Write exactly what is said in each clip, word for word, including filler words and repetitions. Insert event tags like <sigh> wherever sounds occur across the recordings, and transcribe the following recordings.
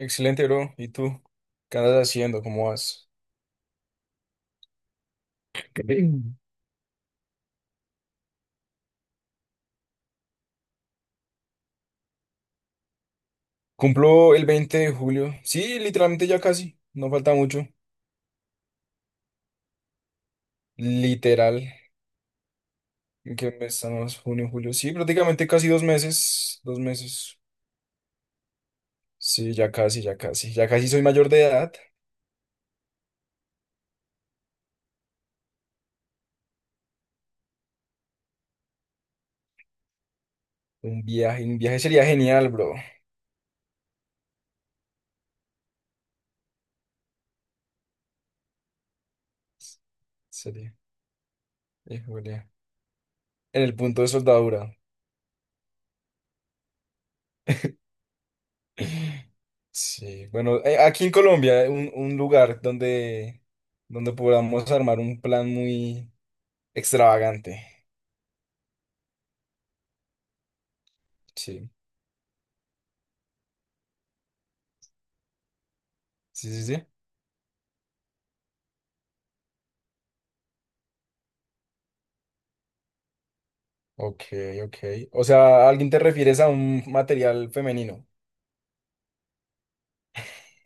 Excelente, bro. ¿Y tú? ¿Qué andas haciendo? ¿Cómo vas? Ok. Cumplo el veinte de julio. Sí, literalmente ya casi. No falta mucho. Literal. ¿En qué mes estamos? Junio, julio. Sí, prácticamente casi dos meses. Dos meses. Sí, ya casi, ya casi. Ya casi soy mayor de edad. Un viaje, un viaje sería genial, bro. Sería. Híjole. En el punto de soldadura. Sí, bueno, eh, aquí en Colombia, eh, un, un lugar donde, donde podamos armar un plan muy extravagante. Sí, sí, sí, sí. Ok, ok. O sea, ¿a alguien te refieres a un material femenino?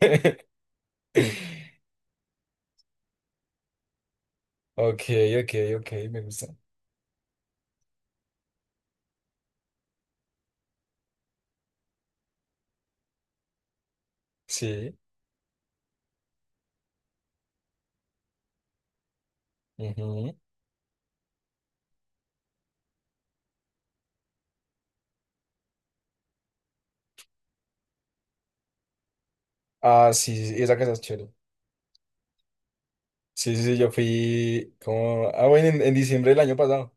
<laughs> Ok, ok, ok, me gusta. Sí. Ujú. Ah, sí, sí, esa casa es chévere. Sí, sí, sí, yo fui como... Ah, bueno, en, en diciembre del año pasado.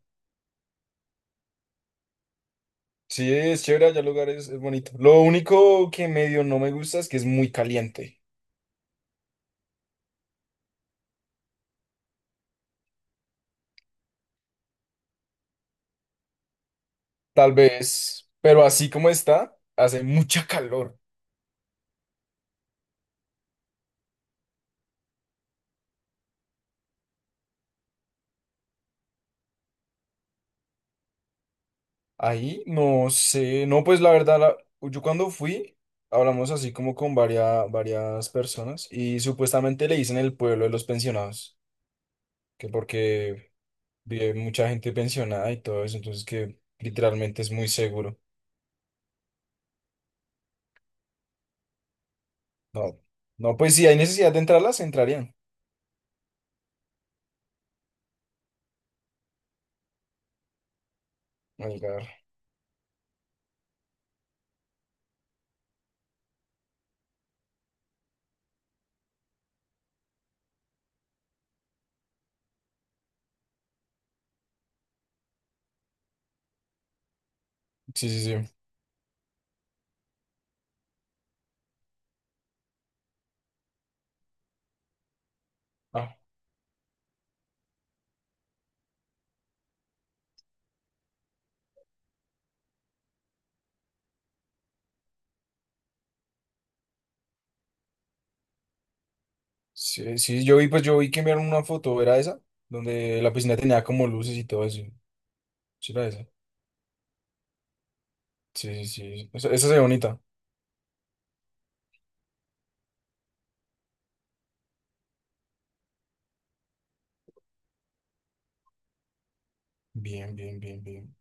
Sí, es chévere, allá el lugar es, es bonito. Lo único que medio no me gusta es que es muy caliente. Tal vez, pero así como está, hace mucha calor. Ahí, no sé, no, pues la verdad, la- yo cuando fui, hablamos así como con varias, varias personas y supuestamente le dicen el pueblo de los pensionados, que porque vive mucha gente pensionada y todo eso, entonces que literalmente es muy seguro. No, no, pues si hay necesidad de entrarlas, entrarían. Ay, sí, sí, sí. Sí, sí, yo vi, pues yo vi que enviaron una foto, ¿era esa? Donde la piscina tenía como luces y todo eso. Sí, era esa. Sí, sí, sí. Esa, esa se ve bonita. Bien, bien, bien, bien.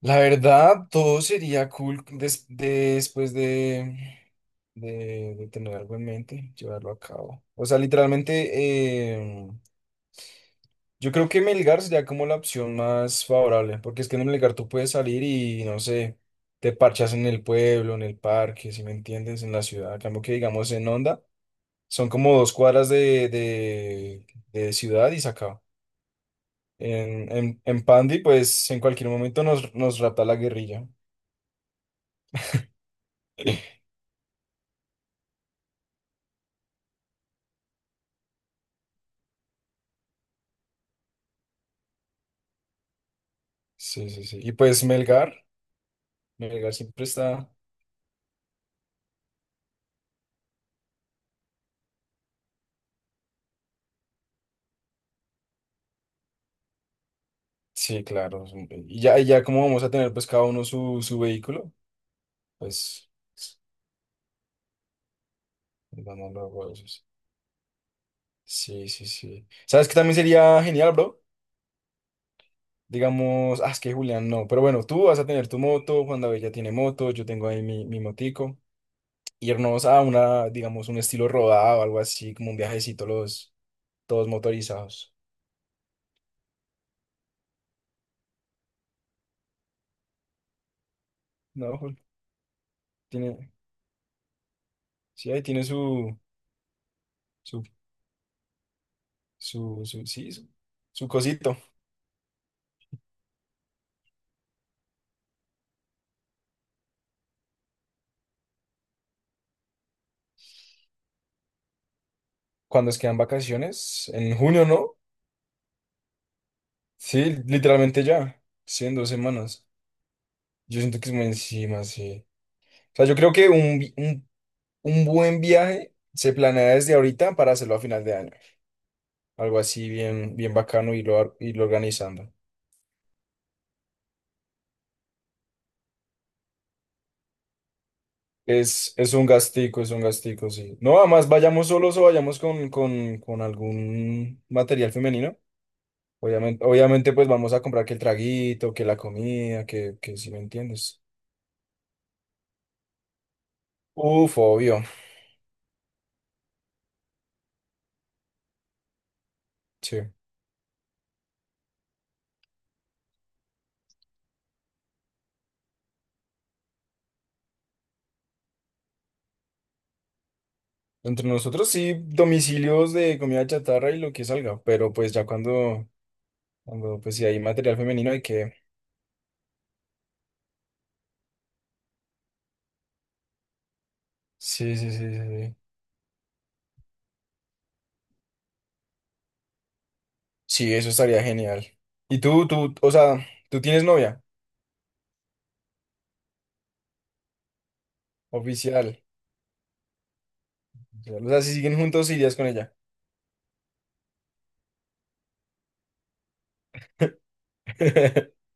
La verdad, todo sería cool des- después de, de, de tener algo en mente, llevarlo a cabo. O sea, literalmente, em, yo creo que Melgar sería como la opción más favorable, porque es que en Melgar tú puedes salir y no sé, te parchas en el pueblo, en el parque, si me entiendes, en la ciudad. A cambio que digamos en Honda son como dos cuadras de, de, de ciudad y se acaba. En, en, en Pandi, pues en cualquier momento nos, nos rapta la guerrilla. <laughs> Sí, sí, sí. Y pues Melgar, Melgar siempre está. Sí, claro. Siempre. Y ya, y ya como vamos a tener pues cada uno su, su vehículo, pues vamos luego a eso, sí, sí, sí. ¿Sabes qué también sería genial, bro? Digamos, ah, es que Julián no, pero bueno, tú vas a tener tu moto, Juan David ya tiene moto, yo tengo ahí mi, mi motico. Irnos a una, digamos, un estilo rodado, algo así, como un viajecito, los, todos motorizados. No, Jul, tiene, sí, ahí tiene su, su, su, su, sí, su, su cosito. Cuando es quedan vacaciones, en junio, ¿no? Sí, literalmente ya, sí, en dos semanas. Yo siento que es muy encima, sí. O sea, yo creo que un, vi- un Un buen viaje se planea desde ahorita para hacerlo a final de año. Algo así bien, bien bacano y lo, y lo organizando. Es, es un gastico, es un gastico, sí. No, además vayamos solos o vayamos con, con, con algún material femenino. Obviamente, obviamente, pues vamos a comprar que el traguito, que la comida, que, que si me entiendes. Uf, obvio. Sí. Entre nosotros sí, domicilios de comida chatarra y lo que salga. Pero pues ya cuando, cuando pues si hay material femenino hay que... Sí, sí, sí, sí. Sí. Sí, eso estaría genial. Y tú, tú, o sea, tú tienes novia oficial. O sea, si siguen juntos, irías con ella. <laughs>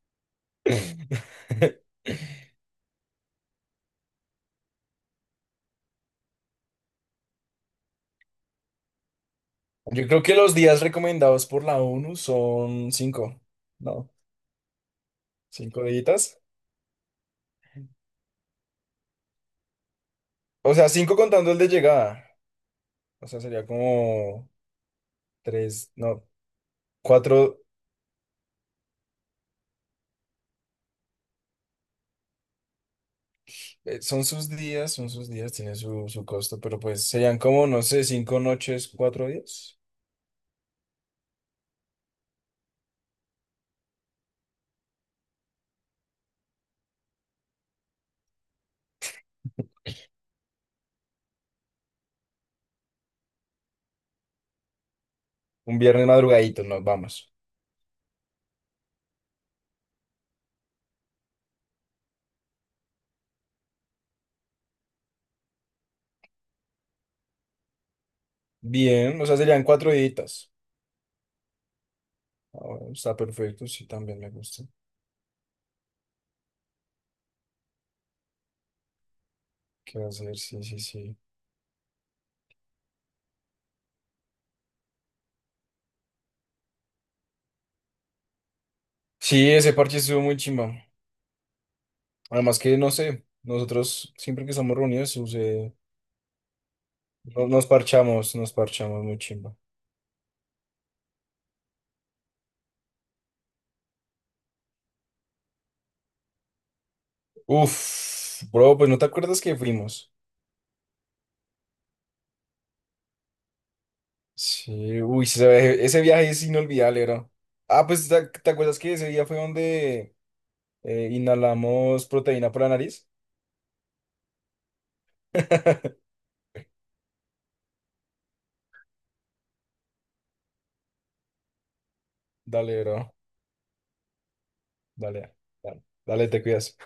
Yo creo que los días recomendados por la ONU son cinco, ¿no? Cinco días. O sea, cinco contando el de llegada. O sea, sería como tres, no, cuatro. eh, son sus días, son sus días, tiene su, su costo, pero pues serían como, no sé, cinco noches, cuatro días. Un viernes madrugadito, nos vamos. Bien, o sea, serían cuatro deditas. Ah, bueno, está perfecto, sí, también me gusta. ¿Qué va a hacer? Sí, sí, sí. Sí, ese parche estuvo muy chimba. Además que, no sé, nosotros siempre que estamos reunidos, sucede- no- nos parchamos, nos parchamos muy chimba. Uf, bro, pues no te acuerdas que fuimos. Sí, uy, sí, ese, ese viaje es inolvidable, bro. Ah, pues ¿te, te acuerdas que ese día fue donde eh, inhalamos proteína por la nariz? <laughs> Dale, bro, dale, dale, dale, te cuidas.